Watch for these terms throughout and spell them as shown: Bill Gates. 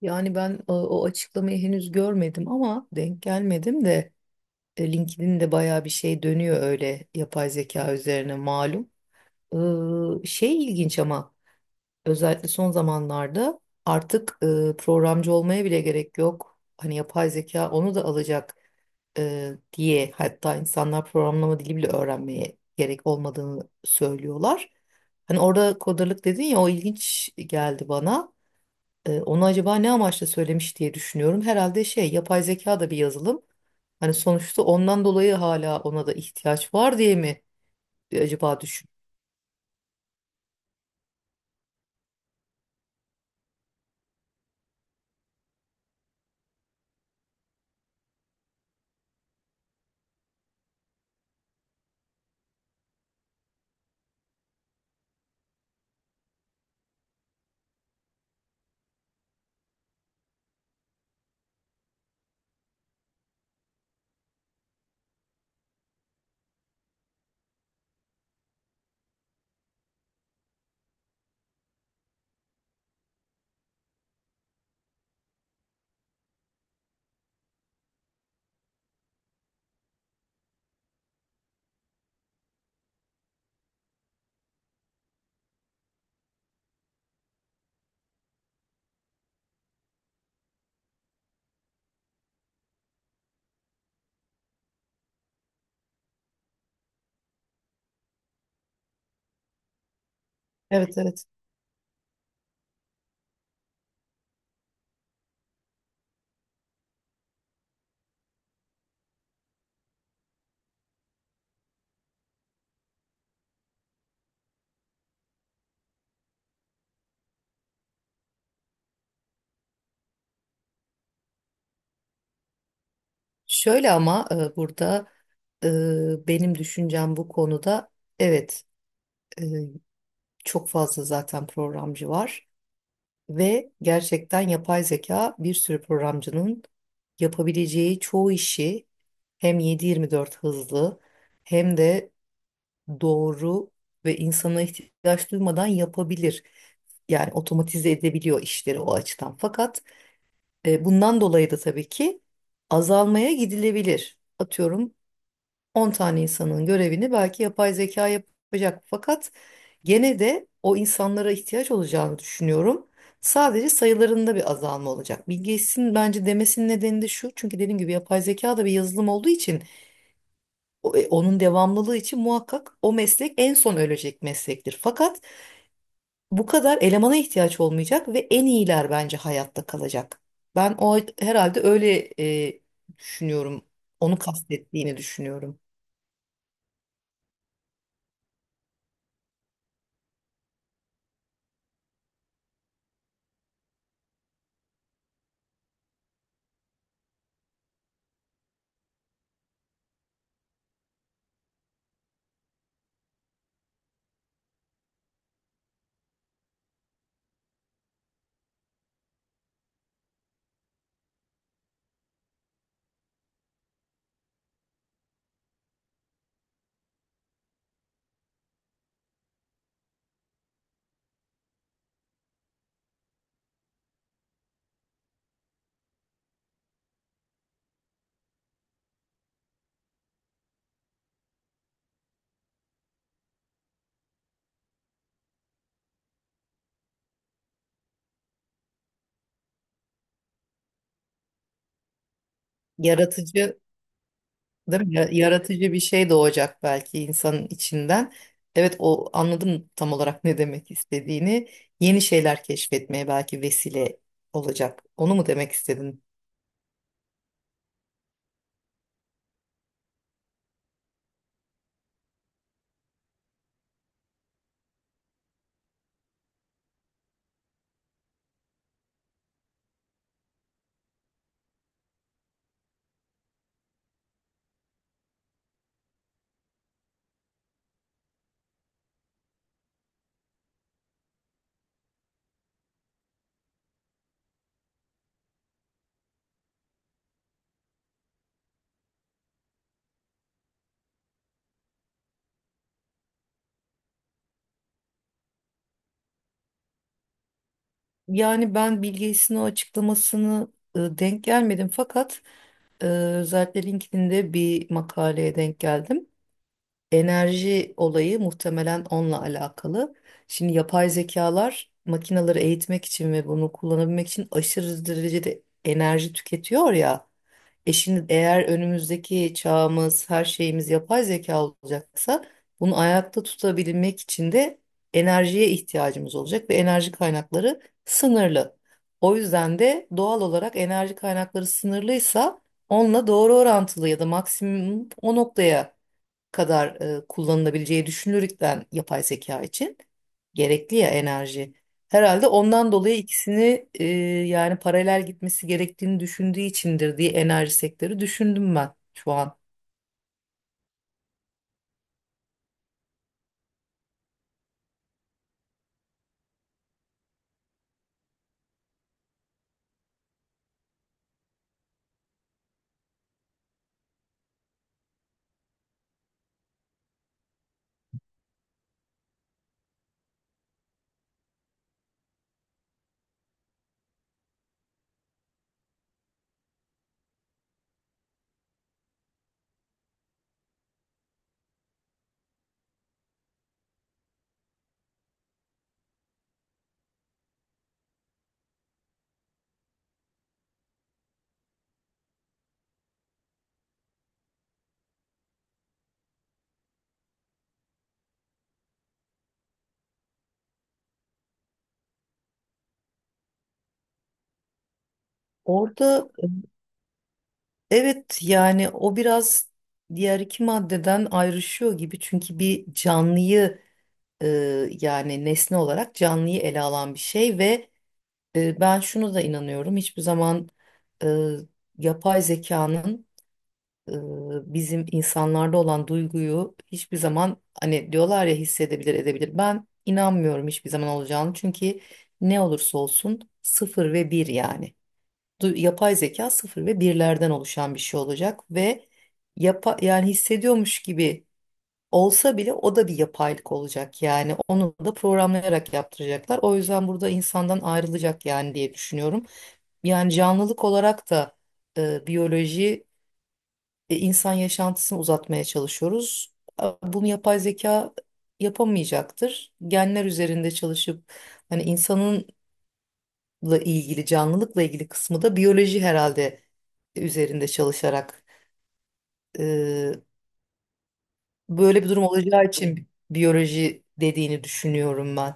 Yani ben o açıklamayı henüz görmedim ama denk gelmedim de LinkedIn'de bayağı bir şey dönüyor öyle yapay zeka üzerine malum. Şey ilginç ama özellikle son zamanlarda artık programcı olmaya bile gerek yok. Hani yapay zeka onu da alacak diye hatta insanlar programlama dili bile öğrenmeye gerek olmadığını söylüyorlar. Hani orada kodarlık dedin ya o ilginç geldi bana. Onu acaba ne amaçla söylemiş diye düşünüyorum. Herhalde şey yapay zeka da bir yazılım. Hani sonuçta ondan dolayı hala ona da ihtiyaç var diye mi acaba düşün. Evet, evet. Şöyle ama burada benim düşüncem bu konuda, evet, e, çok fazla zaten programcı var ve gerçekten yapay zeka bir sürü programcının yapabileceği çoğu işi hem 7/24 hızlı hem de doğru ve insana ihtiyaç duymadan yapabilir. Yani otomatize edebiliyor işleri o açıdan. Fakat bundan dolayı da tabii ki azalmaya gidilebilir. Atıyorum 10 tane insanın görevini belki yapay zeka yapacak. Fakat gene de o insanlara ihtiyaç olacağını düşünüyorum. Sadece sayılarında bir azalma olacak. Bill Gates'in bence demesinin nedeni de şu. Çünkü dediğim gibi yapay zeka da bir yazılım olduğu için onun devamlılığı için muhakkak o meslek en son ölecek meslektir. Fakat bu kadar elemana ihtiyaç olmayacak ve en iyiler bence hayatta kalacak. Ben o herhalde öyle e, düşünüyorum. Onu kastettiğini düşünüyorum. Yaratıcı değil mi? Yaratıcı bir şey doğacak belki insanın içinden. Evet, o anladım tam olarak ne demek istediğini. Yeni şeyler keşfetmeye belki vesile olacak. Onu mu demek istedin? Yani ben Bill Gates'in o açıklamasını denk gelmedim fakat özellikle LinkedIn'de bir makaleye denk geldim. Enerji olayı muhtemelen onunla alakalı. Şimdi yapay zekalar makinaları eğitmek için ve bunu kullanabilmek için aşırı derecede enerji tüketiyor ya. Şimdi eğer önümüzdeki çağımız, her şeyimiz yapay zeka olacaksa bunu ayakta tutabilmek için de enerjiye ihtiyacımız olacak ve enerji kaynakları sınırlı. O yüzden de doğal olarak enerji kaynakları sınırlıysa onunla doğru orantılı ya da maksimum o noktaya kadar kullanılabileceği düşünülürken yapay zeka için gerekli ya enerji. Herhalde ondan dolayı ikisini yani paralel gitmesi gerektiğini düşündüğü içindir diye enerji sektörü düşündüm ben şu an. Orada evet, yani o biraz diğer iki maddeden ayrışıyor gibi çünkü bir canlıyı e, yani nesne olarak canlıyı ele alan bir şey ve ben şunu da inanıyorum hiçbir zaman e, yapay zekanın bizim insanlarda olan duyguyu hiçbir zaman hani diyorlar ya hissedebilir edebilir. Ben inanmıyorum hiçbir zaman olacağını çünkü ne olursa olsun sıfır ve bir yani. Yapay zeka sıfır ve birlerden oluşan bir şey olacak ve yapa yani hissediyormuş gibi olsa bile o da bir yapaylık olacak yani onu da programlayarak yaptıracaklar. O yüzden burada insandan ayrılacak yani diye düşünüyorum. Yani canlılık olarak da biyoloji insan yaşantısını uzatmaya çalışıyoruz. Bunu yapay zeka yapamayacaktır. Genler üzerinde çalışıp hani insanınla ilgili, canlılıkla ilgili kısmı da biyoloji herhalde üzerinde çalışarak e, böyle bir durum olacağı için biyoloji dediğini düşünüyorum ben.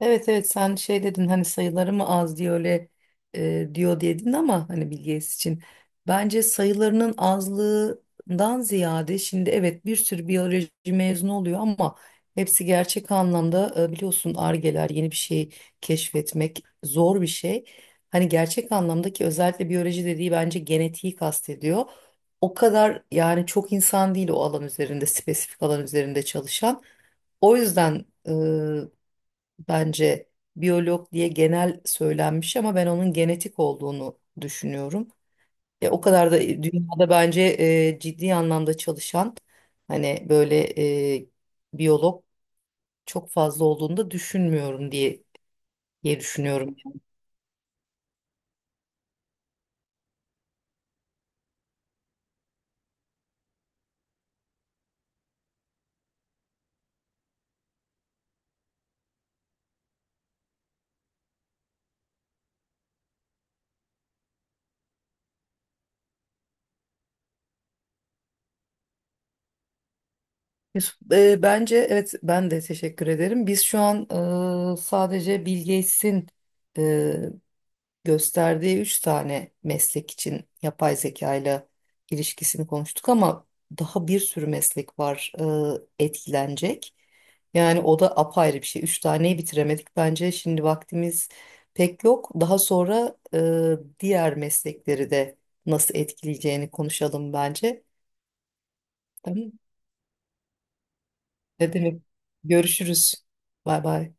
Evet, evet, sen şey dedin hani sayıları mı az diye öyle diyor diye dedin ama hani Bill Gates için bence sayılarının azlığından ziyade şimdi evet bir sürü biyoloji mezunu oluyor ama hepsi gerçek anlamda biliyorsun argeler yeni bir şey keşfetmek zor bir şey. Hani gerçek anlamdaki özellikle biyoloji dediği bence genetiği kastediyor. O kadar yani çok insan değil o alan üzerinde spesifik alan üzerinde çalışan. O yüzden bence biyolog diye genel söylenmiş ama ben onun genetik olduğunu düşünüyorum. O kadar da dünyada bence ciddi anlamda çalışan hani böyle e, biyolog çok fazla olduğunu da düşünmüyorum diye düşünüyorum. Yusuf, bence evet, ben de teşekkür ederim. Biz şu an sadece Bill Gates'in gösterdiği üç tane meslek için yapay zeka ile ilişkisini konuştuk ama daha bir sürü meslek var etkilenecek. Yani o da apayrı bir şey. Üç taneyi bitiremedik bence. Şimdi vaktimiz pek yok. Daha sonra diğer meslekleri de nasıl etkileyeceğini konuşalım bence. Tamam. Ne demek? Görüşürüz. Bay bay.